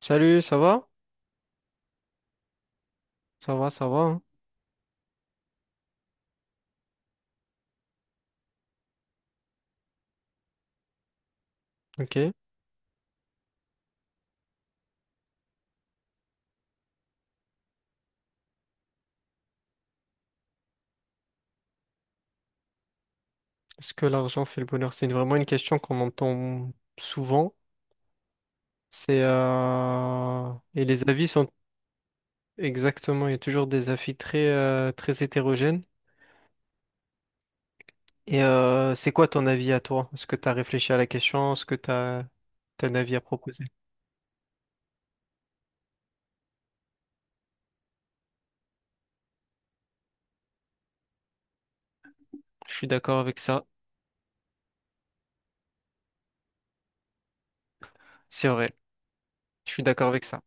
Salut, ça va? Ça va, ça va, hein. Ok. Est-ce que l'argent fait le bonheur? C'est vraiment une question qu'on entend souvent. C'est, et les avis sont exactement. Il y a toujours des avis très, très hétérogènes. C'est quoi ton avis à toi? Est-ce que tu as réfléchi à la question? Est-ce que tu as un avis à proposer? Je suis d'accord avec ça. C'est vrai. Je suis d'accord avec ça.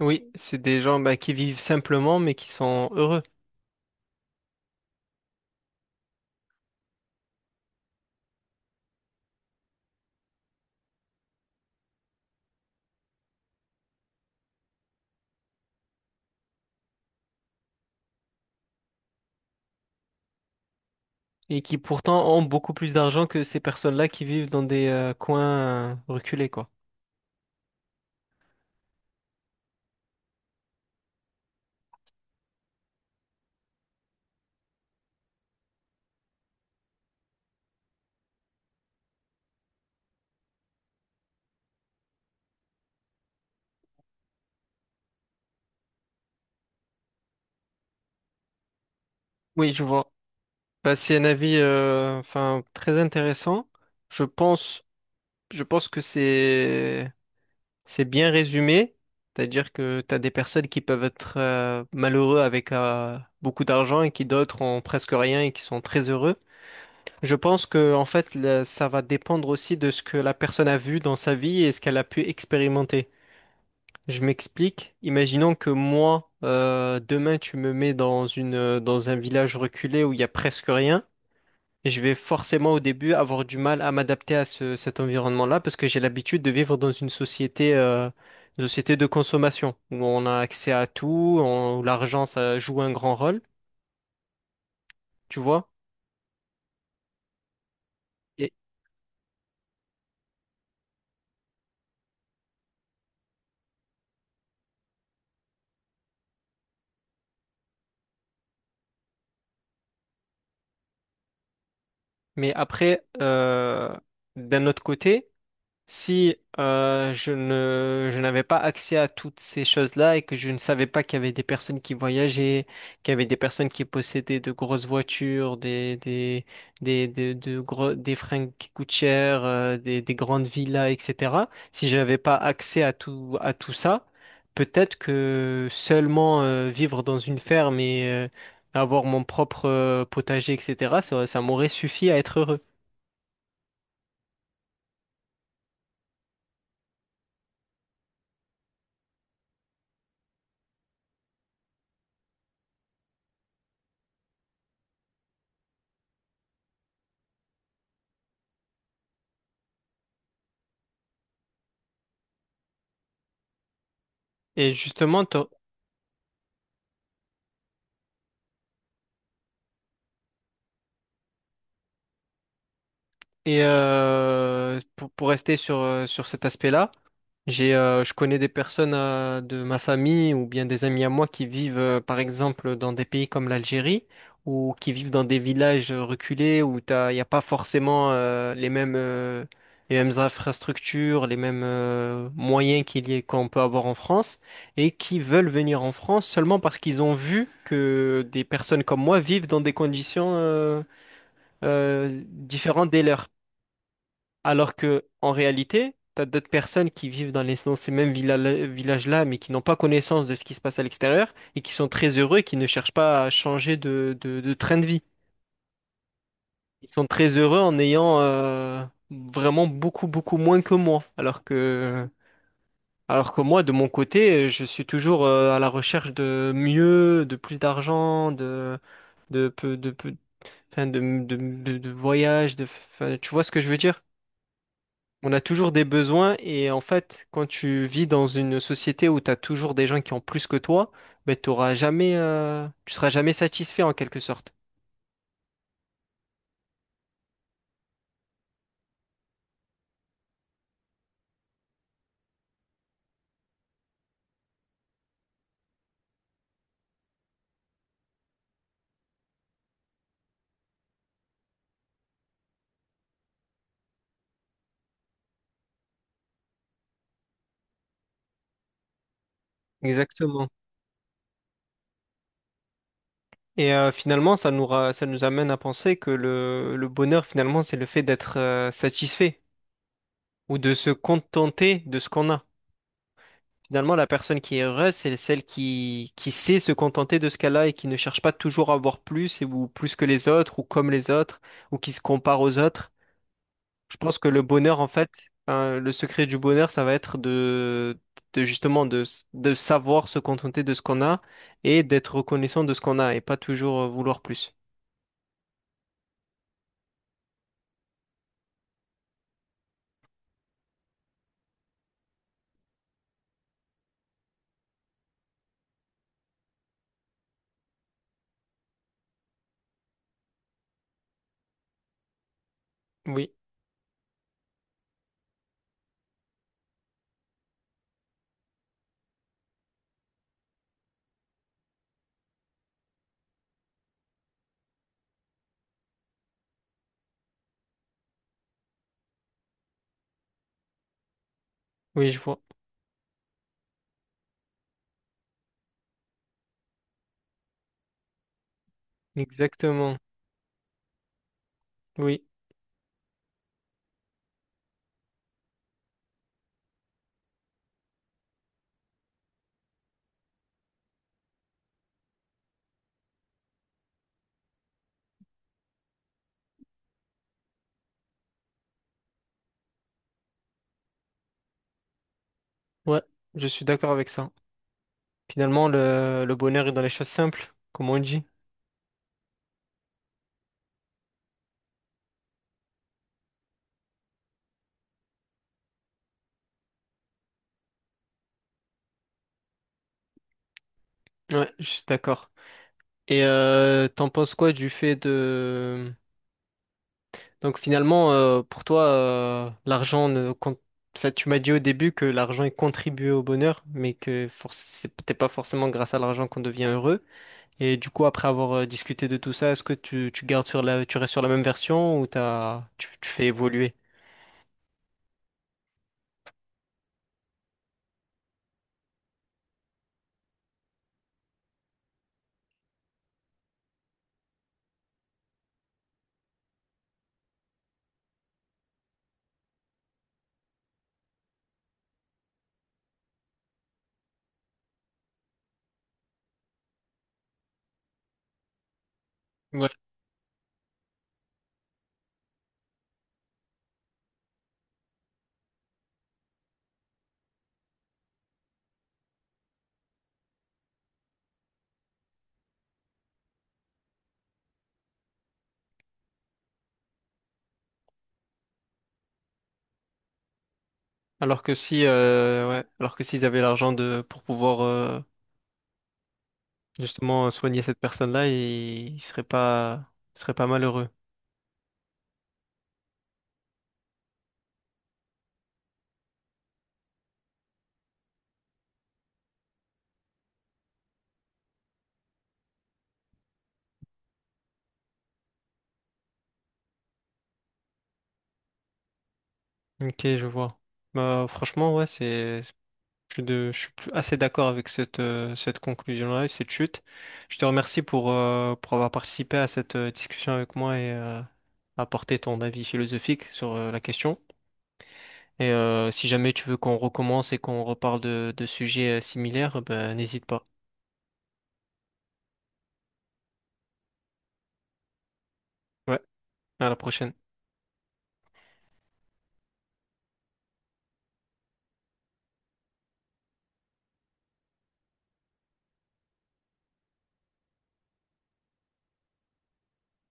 Oui, c'est des gens, bah, qui vivent simplement mais qui sont heureux. Et qui pourtant ont beaucoup plus d'argent que ces personnes-là qui vivent dans des, coins reculés, quoi. Oui, je vois. Bah, c'est un avis, enfin très intéressant. Je pense je pense que c'est bien résumé, c'est-à-dire que tu as des personnes qui peuvent être, malheureux avec, beaucoup d'argent et qui d'autres ont presque rien et qui sont très heureux. Je pense que en fait ça va dépendre aussi de ce que la personne a vu dans sa vie et ce qu'elle a pu expérimenter. Je m'explique. Imaginons que moi, demain, tu me mets dans une, dans un village reculé où il y a presque rien. Je vais forcément au début avoir du mal à m'adapter à cet environnement-là parce que j'ai l'habitude de vivre dans une société de consommation où on a accès à tout, où l'argent, ça joue un grand rôle, tu vois. Et- mais après, d'un autre côté, si je n'avais pas accès à toutes ces choses-là et que je ne savais pas qu'il y avait des personnes qui voyageaient, qu'il y avait des personnes qui possédaient de grosses voitures, de gros, des fringues qui coûtent cher, des grandes villas, etc. Si je n'avais pas accès à tout ça, peut-être que seulement vivre dans une ferme et avoir mon propre potager, etc., ça m'aurait suffi à être heureux. Et justement, toi, et pour rester sur, sur cet aspect-là, j'ai, je connais des personnes de ma famille ou bien des amis à moi qui vivent, par exemple, dans des pays comme l'Algérie ou qui vivent dans des villages reculés où il n'y a pas forcément les mêmes infrastructures, les mêmes moyens qu'on peut avoir en France et qui veulent venir en France seulement parce qu'ils ont vu que des personnes comme moi vivent dans des conditions différentes des leurs. Alors que, en réalité, t'as d'autres personnes qui vivent dans ces mêmes villages-là, mais qui n'ont pas connaissance de ce qui se passe à l'extérieur et qui sont très heureux et qui ne cherchent pas à changer de, de train de vie. Ils sont très heureux en ayant vraiment beaucoup, beaucoup moins que moi. Alors que moi, de mon côté, je suis toujours à la recherche de mieux, de plus d'argent, de, de, peu- de, peu- enfin, de voyages, de, enfin, tu vois ce que je veux dire? On a toujours des besoins et en fait, quand tu vis dans une société où tu as toujours des gens qui ont plus que toi, ben, t'auras jamais, tu seras jamais satisfait en quelque sorte. Exactement. Et finalement, ça nous amène à penser que le bonheur, finalement, c'est le fait d'être satisfait ou de se contenter de ce qu'on a. Finalement, la personne qui est heureuse, c'est celle qui sait se contenter de ce qu'elle a et qui ne cherche pas toujours à avoir plus ou plus que les autres ou comme les autres ou qui se compare aux autres. Je pense que le bonheur, en fait, hein, le secret du bonheur, ça va être de justement de, de savoir se contenter de ce qu'on a et d'être reconnaissant de ce qu'on a et pas toujours vouloir plus. Oui, oui, je vois. Exactement. Oui, ouais, je suis d'accord avec ça. Finalement, le bonheur est dans les choses simples, comme on dit. Ouais, je suis d'accord. Et t'en penses quoi du fait de donc finalement, pour toi, l'argent ne compte... Enfin, tu m'as dit au début que l'argent il contribue au bonheur, mais que c'est peut-être pas forcément grâce à l'argent qu'on devient heureux. Et du coup, après avoir discuté de tout ça, est-ce que tu gardes sur la, tu restes sur la même version ou t'as, tu fais évoluer? Ouais. Alors que si, ouais, alors que s'ils avaient l'argent de pour pouvoir justement soigner cette personne-là, ils seraient pas malheureux. Ok, je vois. Bah franchement, ouais, c'est. Je suis, assez d'accord avec cette, cette conclusion-là et cette chute. Je te remercie pour avoir participé à cette discussion avec moi et apporter ton avis philosophique sur la question. Et si jamais tu veux qu'on recommence et qu'on reparle de sujets similaires, ben, n'hésite pas. Ouais, à la prochaine.